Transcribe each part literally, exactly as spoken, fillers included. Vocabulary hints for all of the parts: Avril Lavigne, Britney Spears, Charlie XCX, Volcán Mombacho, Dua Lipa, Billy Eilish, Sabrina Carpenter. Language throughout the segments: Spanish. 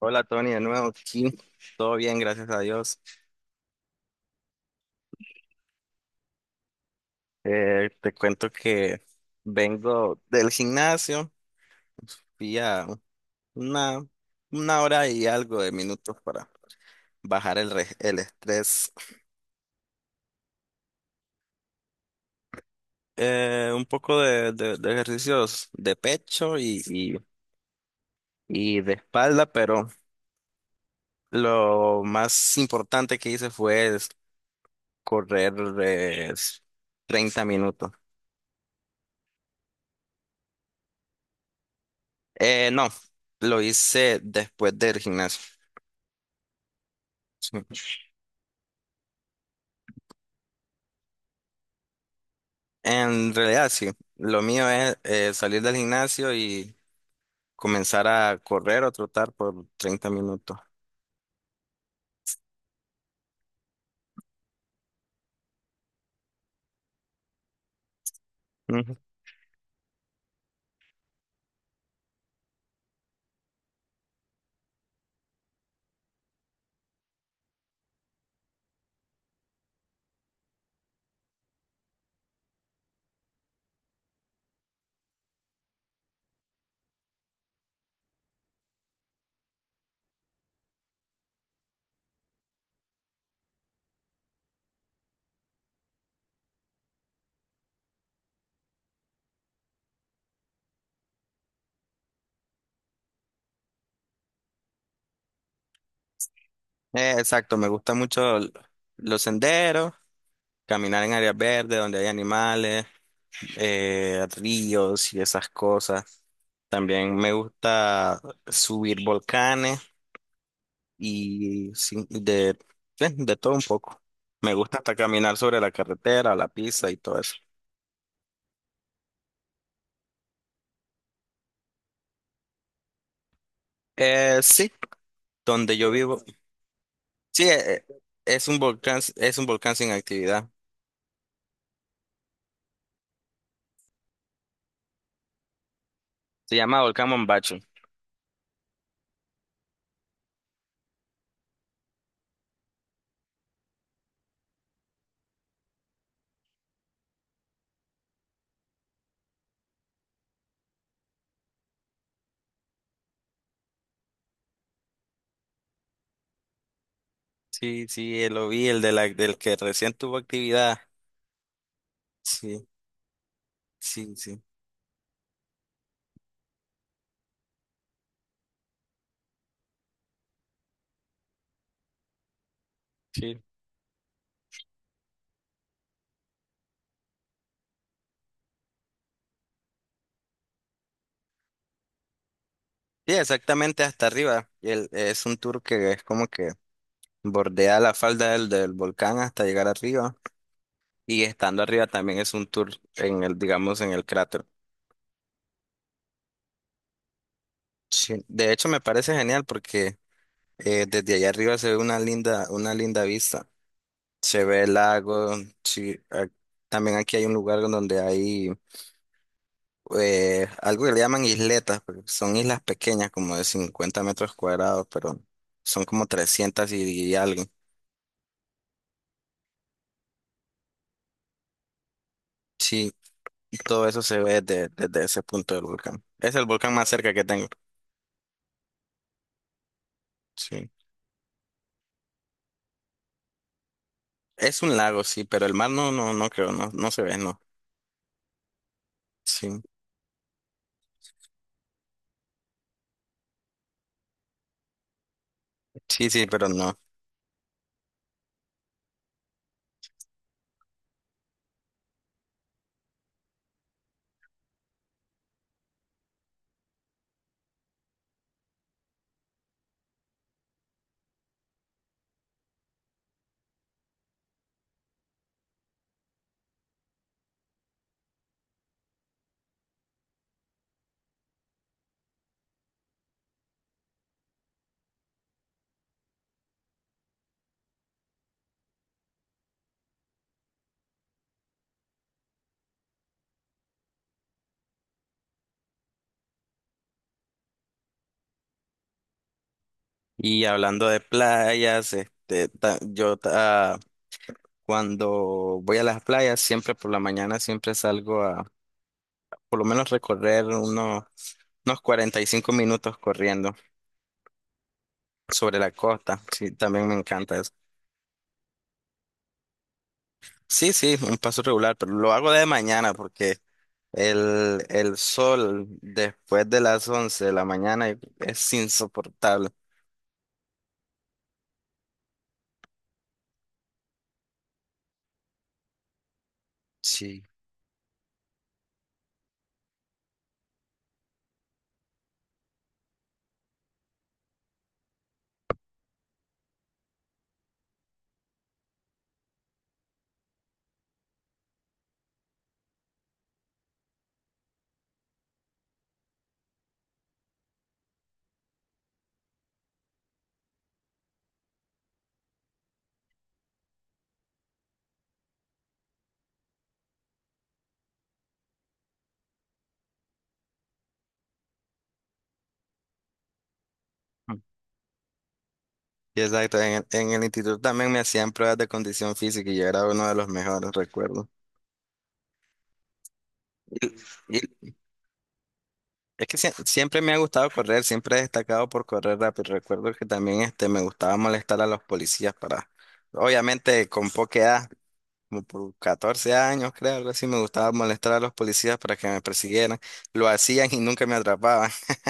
Hola Tony, de nuevo aquí. Todo bien, gracias a Dios. Eh, te cuento que vengo del gimnasio, fui a una, una hora y algo de minutos para bajar el, re- el estrés. Eh, un poco de, de- de ejercicios de pecho y, y, y de espalda, pero lo más importante que hice fue es correr eh, treinta minutos. Eh, no, lo hice después del gimnasio. Sí. En realidad, sí. Lo mío es eh, salir del gimnasio y comenzar a correr o trotar por treinta minutos. Ujú. Eh, exacto, me gusta mucho l- los senderos, caminar en áreas verdes donde hay animales, eh, ríos y esas cosas. También me gusta subir volcanes y sí, de, eh, de todo un poco. Me gusta hasta caminar sobre la carretera, la pista y todo eso. Eh, sí, donde yo vivo. Sí, eh, eh, es un volcán, es un volcán sin actividad. Se llama Volcán Mombacho. Sí, sí, eh, lo vi, el de la, del que recién tuvo actividad. Sí, sí, sí. Sí. Sí, exactamente hasta arriba. Y el- es un tour que es como que bordea la falda del, del volcán hasta llegar arriba. Y estando arriba también es un tour en el, digamos, en el cráter. Sí. De hecho, me parece genial porque eh, desde allá arriba se ve una linda, una linda vista. Se ve el lago. Sí, a- también aquí hay un lugar en donde hay eh, algo que le llaman isletas, pero son islas pequeñas, como de cincuenta metros cuadrados, pero son como trescientas y, y algo. Sí, y todo eso se ve de- desde ese punto del volcán. Es el volcán más cerca que tengo. Sí. Es un lago, sí, pero el mar no, no, no creo, no, no se ve, no. Sí, sí, sí, pero no. Y hablando de playas, este, ta- yo ah, cuando voy a las playas, siempre por la mañana, siempre salgo a por lo menos recorrer unos, unos cuarenta y cinco minutos corriendo sobre la costa. Sí, también me encanta eso. Sí, sí, un paso regular, pero lo hago de mañana porque el, el sol después de las once de la mañana es insoportable. Sí. Y Exacto, en el, en el instituto también me hacían pruebas de condición física y yo era uno de los mejores, recuerdo. Y, Es que sie- siempre me ha gustado correr, siempre he destacado por correr rápido. Recuerdo que también este, me gustaba molestar a los policías para, obviamente con poca edad, como por catorce años, creo, algo así, me gustaba molestar a los policías para que me persiguieran. Lo hacían y nunca me atrapaban.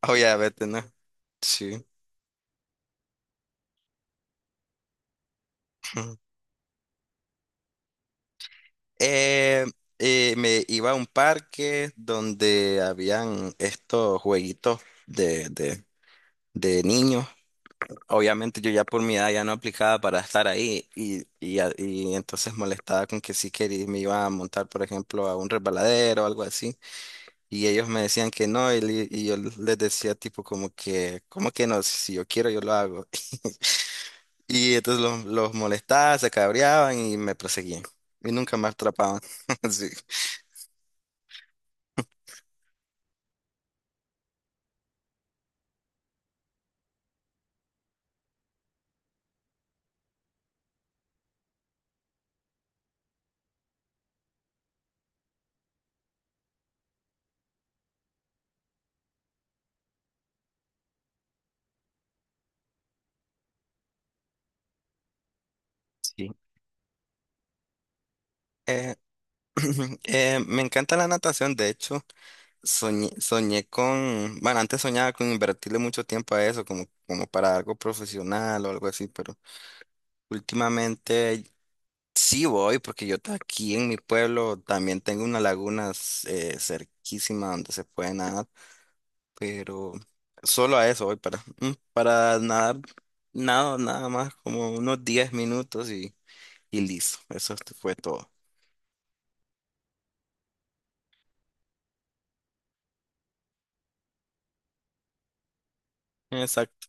Obviamente, ¿no? Sí. Eh, eh, me iba a un parque donde habían estos jueguitos de, de, de niños. Obviamente yo ya por mi edad ya no aplicaba para estar ahí y, y, a- y entonces molestaba con que sí quería, me iba a montar, por ejemplo, a un resbaladero o algo así. Y ellos me decían que no y, le- y yo les decía tipo como que, ¿cómo que no? Si si yo quiero, yo lo hago. Y entonces los, los molestaba, se cabreaban y me perseguían. Y nunca me atrapaban. Sí. Sí. Eh, eh, me encanta la natación, de hecho. Soñé, soñé con, bueno, antes soñaba con invertirle mucho tiempo a eso, como, como para algo profesional o algo así, pero últimamente sí voy, porque yo ta- aquí en mi pueblo también tengo una laguna eh, cerquísima donde se puede nadar, pero solo a eso voy para, mm, para nadar, nada, nada más, como unos diez minutos y, y listo, eso fue todo. Exacto.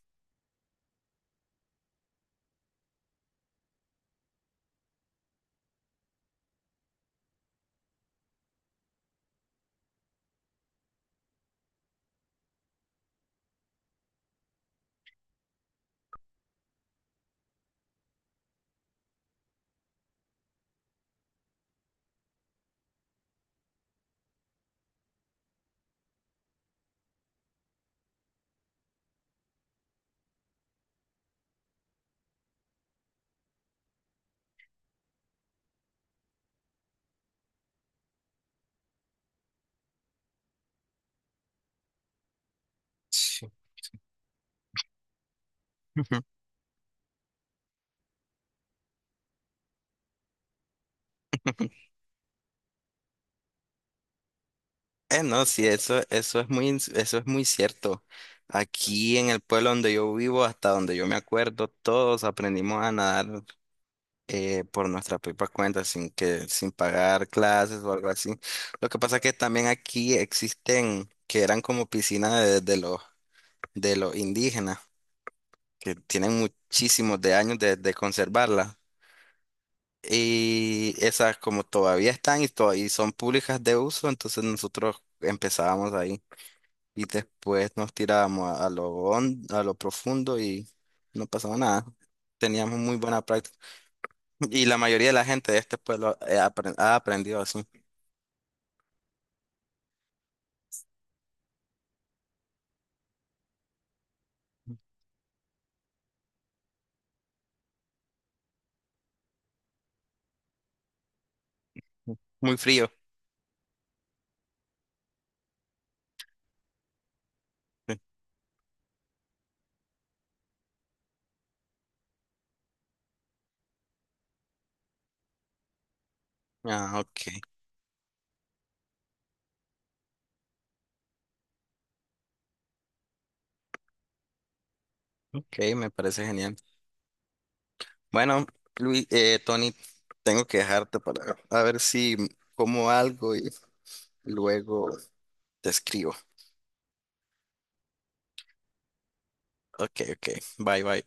Sí. Eh, no, sí, eso, eso es muy, ins- eso es muy cierto. Aquí en el pueblo donde yo vivo, hasta donde yo me acuerdo, todos aprendimos a nadar eh, por nuestra propia cuenta, sin que, sin pagar clases o algo así. Lo que pasa es que también aquí existen, que eran como piscinas de, de los, de los indígenas, que tienen muchísimos de años de, de conservarlas. Y esas como todavía están y, to- y son públicas de uso, entonces nosotros empezábamos ahí. Y después nos tirábamos a, a lo hon- a lo profundo y no pasaba nada. Teníamos muy buena práctica. Y la mayoría de la gente de este pueblo eh, apren- ha aprendido así. Muy frío. Sí. Ah, ok. Ok, me parece genial. Bueno, Luis, eh, Tony, tengo que dejarte para a ver si como algo y luego te escribo. Ok, ok. Bye, bye.